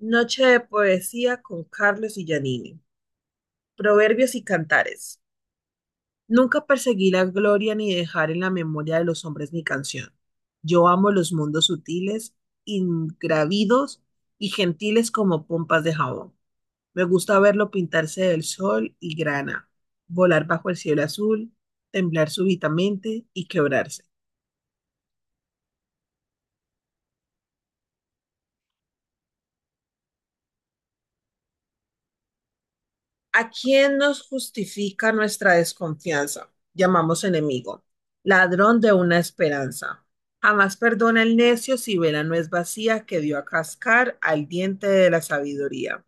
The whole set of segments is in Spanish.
Noche de poesía con Carlos y Giannini. Proverbios y cantares. Nunca perseguí la gloria ni dejar en la memoria de los hombres mi canción. Yo amo los mundos sutiles, ingravidos y gentiles como pompas de jabón. Me gusta verlo pintarse del sol y grana, volar bajo el cielo azul, temblar súbitamente y quebrarse. ¿A quién nos justifica nuestra desconfianza? Llamamos enemigo, ladrón de una esperanza. Jamás perdona el necio si vela no es vacía que dio a cascar al diente de la sabiduría.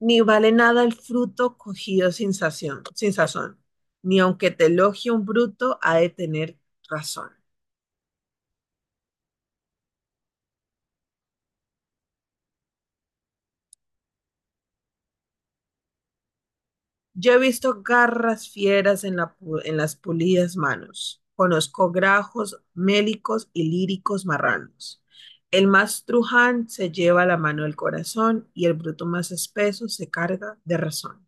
Ni vale nada el fruto cogido sin sazón, ni aunque te elogie un bruto ha de tener razón. Yo he visto garras fieras en las pulidas manos. Conozco grajos, mélicos y líricos marranos. El más truján se lleva la mano del corazón y el bruto más espeso se carga de razón.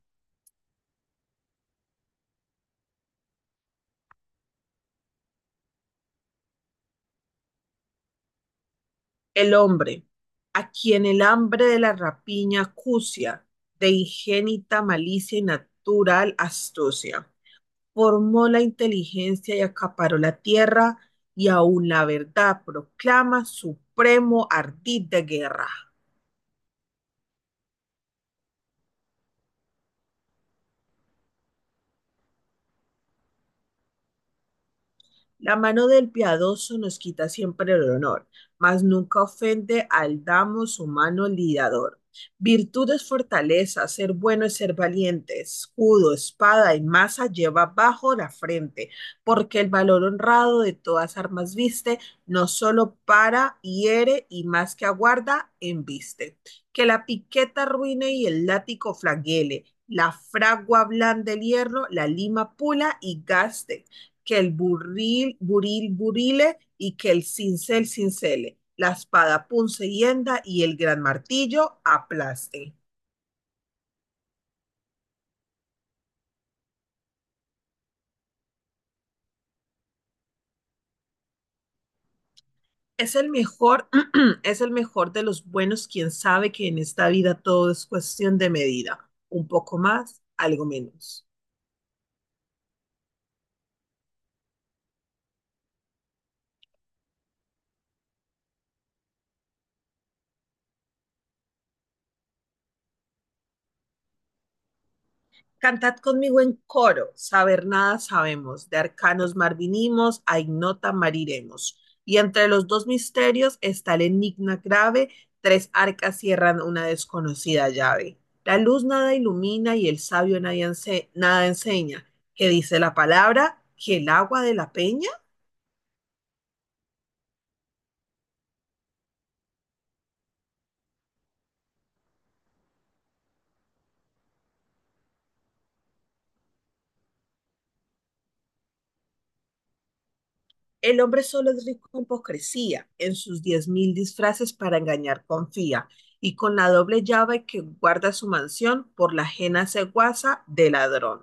El hombre, a quien el hambre de la rapiña acucia, de ingénita malicia y natural astucia. Formó la inteligencia y acaparó la tierra, y aún la verdad proclama supremo ardid de guerra. La mano del piadoso nos quita siempre el honor, mas nunca ofende al damo su mano lidador. Virtud es fortaleza, ser bueno es ser valiente, escudo, espada y masa lleva bajo la frente, porque el valor honrado de todas armas viste, no solo para, hiere y más que aguarda, embiste. Que la piqueta ruine y el látigo flagele, la fragua blanda el hierro, la lima pula y gaste que el burril, buril, burile y que el cincel, cincele, la espada, punce y henda y el gran martillo aplaste. Es el mejor, es el mejor de los buenos quien sabe que en esta vida todo es cuestión de medida, un poco más, algo menos. Cantad conmigo en coro, saber nada sabemos, de arcanos mar vinimos, a ignota mariremos. Y entre los dos misterios está el enigma grave, tres arcas cierran una desconocida llave. La luz nada ilumina y el sabio nadie ense- nada enseña, que dice la palabra, que el agua de la peña. El hombre solo es rico en hipocresía, en sus 10.000 disfraces para engañar confía, y con la doble llave que guarda su mansión por la ajena ceguaza de ladrón.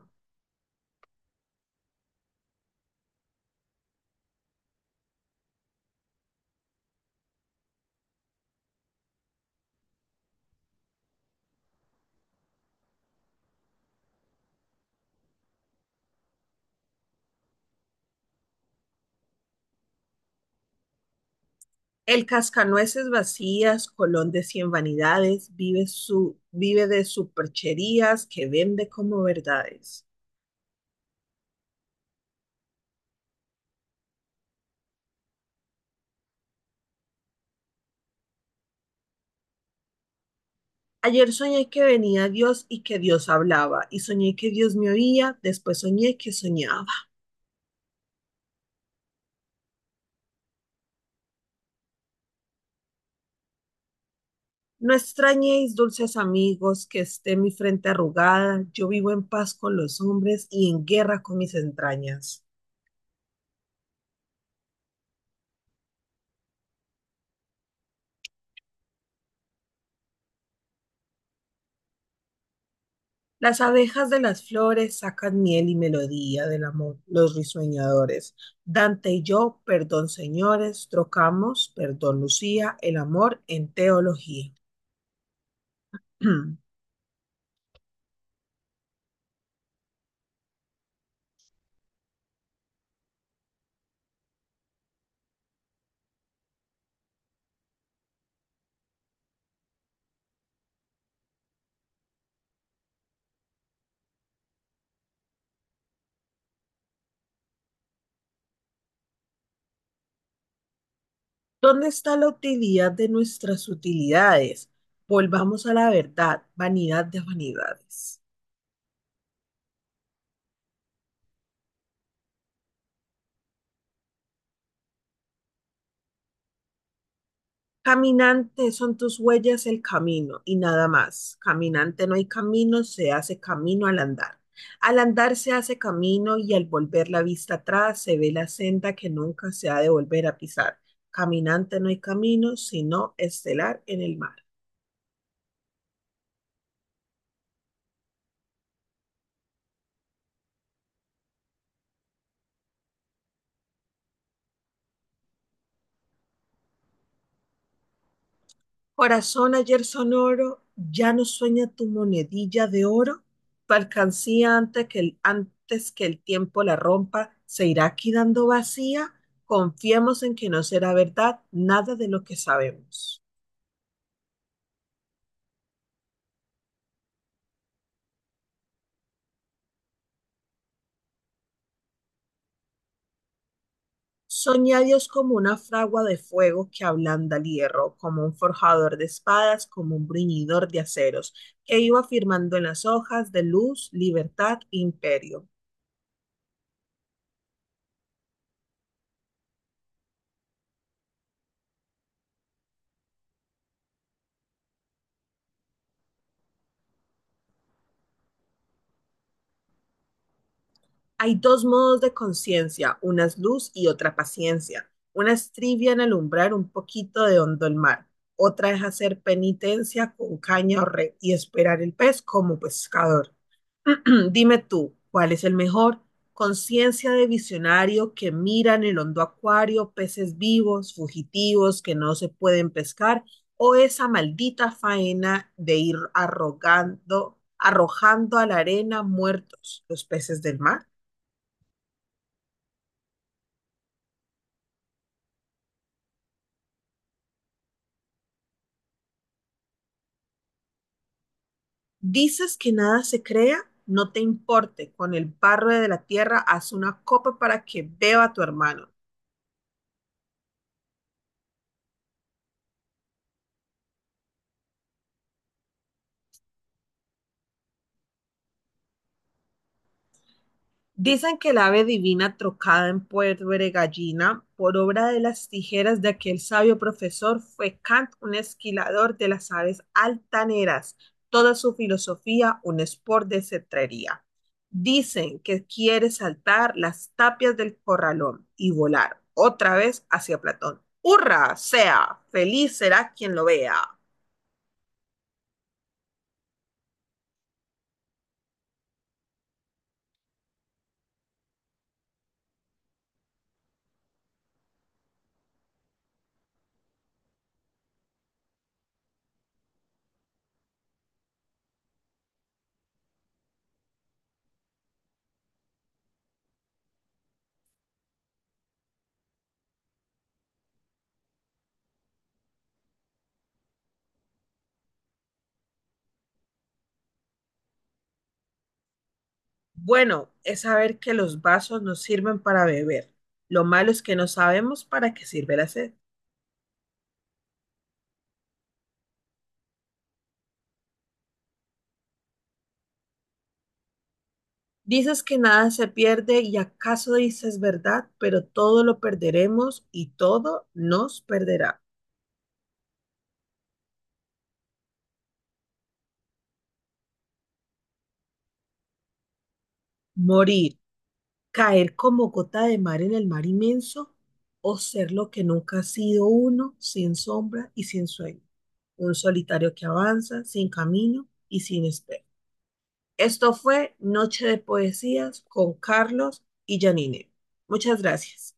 El cascanueces vacías, colón de 100 vanidades, vive, vive de supercherías que vende como verdades. Ayer soñé que venía Dios y que Dios hablaba, y soñé que Dios me oía, después soñé que soñaba. No extrañéis, dulces amigos, que esté mi frente arrugada. Yo vivo en paz con los hombres y en guerra con mis entrañas. Las abejas de las flores sacan miel y melodía del amor, los risueñadores. Dante y yo, perdón señores, trocamos, perdón Lucía, el amor en teología. ¿Dónde está la utilidad de nuestras utilidades? Volvamos a la verdad, vanidad de vanidades. Caminante son tus huellas el camino y nada más. Caminante no hay camino, se hace camino al andar. Al andar se hace camino y al volver la vista atrás se ve la senda que nunca se ha de volver a pisar. Caminante no hay camino, sino estelar en el mar. Corazón ayer sonoro, ya no sueña tu monedilla de oro, tu alcancía antes que el tiempo la rompa, se irá quedando vacía, confiemos en que no será verdad nada de lo que sabemos. Soñé a Dios como una fragua de fuego que ablanda el hierro, como un forjador de espadas, como un bruñidor de aceros, que iba firmando en las hojas de luz, libertad, imperio. Hay dos modos de conciencia, una es luz y otra paciencia. Una es trivia en alumbrar un poquito de hondo el mar, otra es hacer penitencia con caña o red y esperar el pez como pescador. Dime tú, ¿cuál es el mejor? Conciencia de visionario que mira en el hondo acuario peces vivos, fugitivos que no se pueden pescar, o esa maldita faena de ir arrojando a la arena muertos los peces del mar. Dices que nada se crea, no te importe, con el barro de la tierra haz una copa para que beba tu hermano. Dicen que el ave divina trocada en puerbre gallina por obra de las tijeras de aquel sabio profesor fue Kant un esquilador de las aves altaneras, toda su filosofía un sport de cetrería. Dicen que quiere saltar las tapias del corralón y volar otra vez hacia Platón. ¡Hurra! Sea, feliz será quien lo vea. Bueno, es saber que los vasos nos sirven para beber. Lo malo es que no sabemos para qué sirve la sed. Dices que nada se pierde y acaso dices verdad, pero todo lo perderemos y todo nos perderá. Morir, caer como gota de mar en el mar inmenso o ser lo que nunca ha sido uno, sin sombra y sin sueño. Un solitario que avanza sin camino y sin espera. Esto fue Noche de Poesías con Carlos y Janine. Muchas gracias.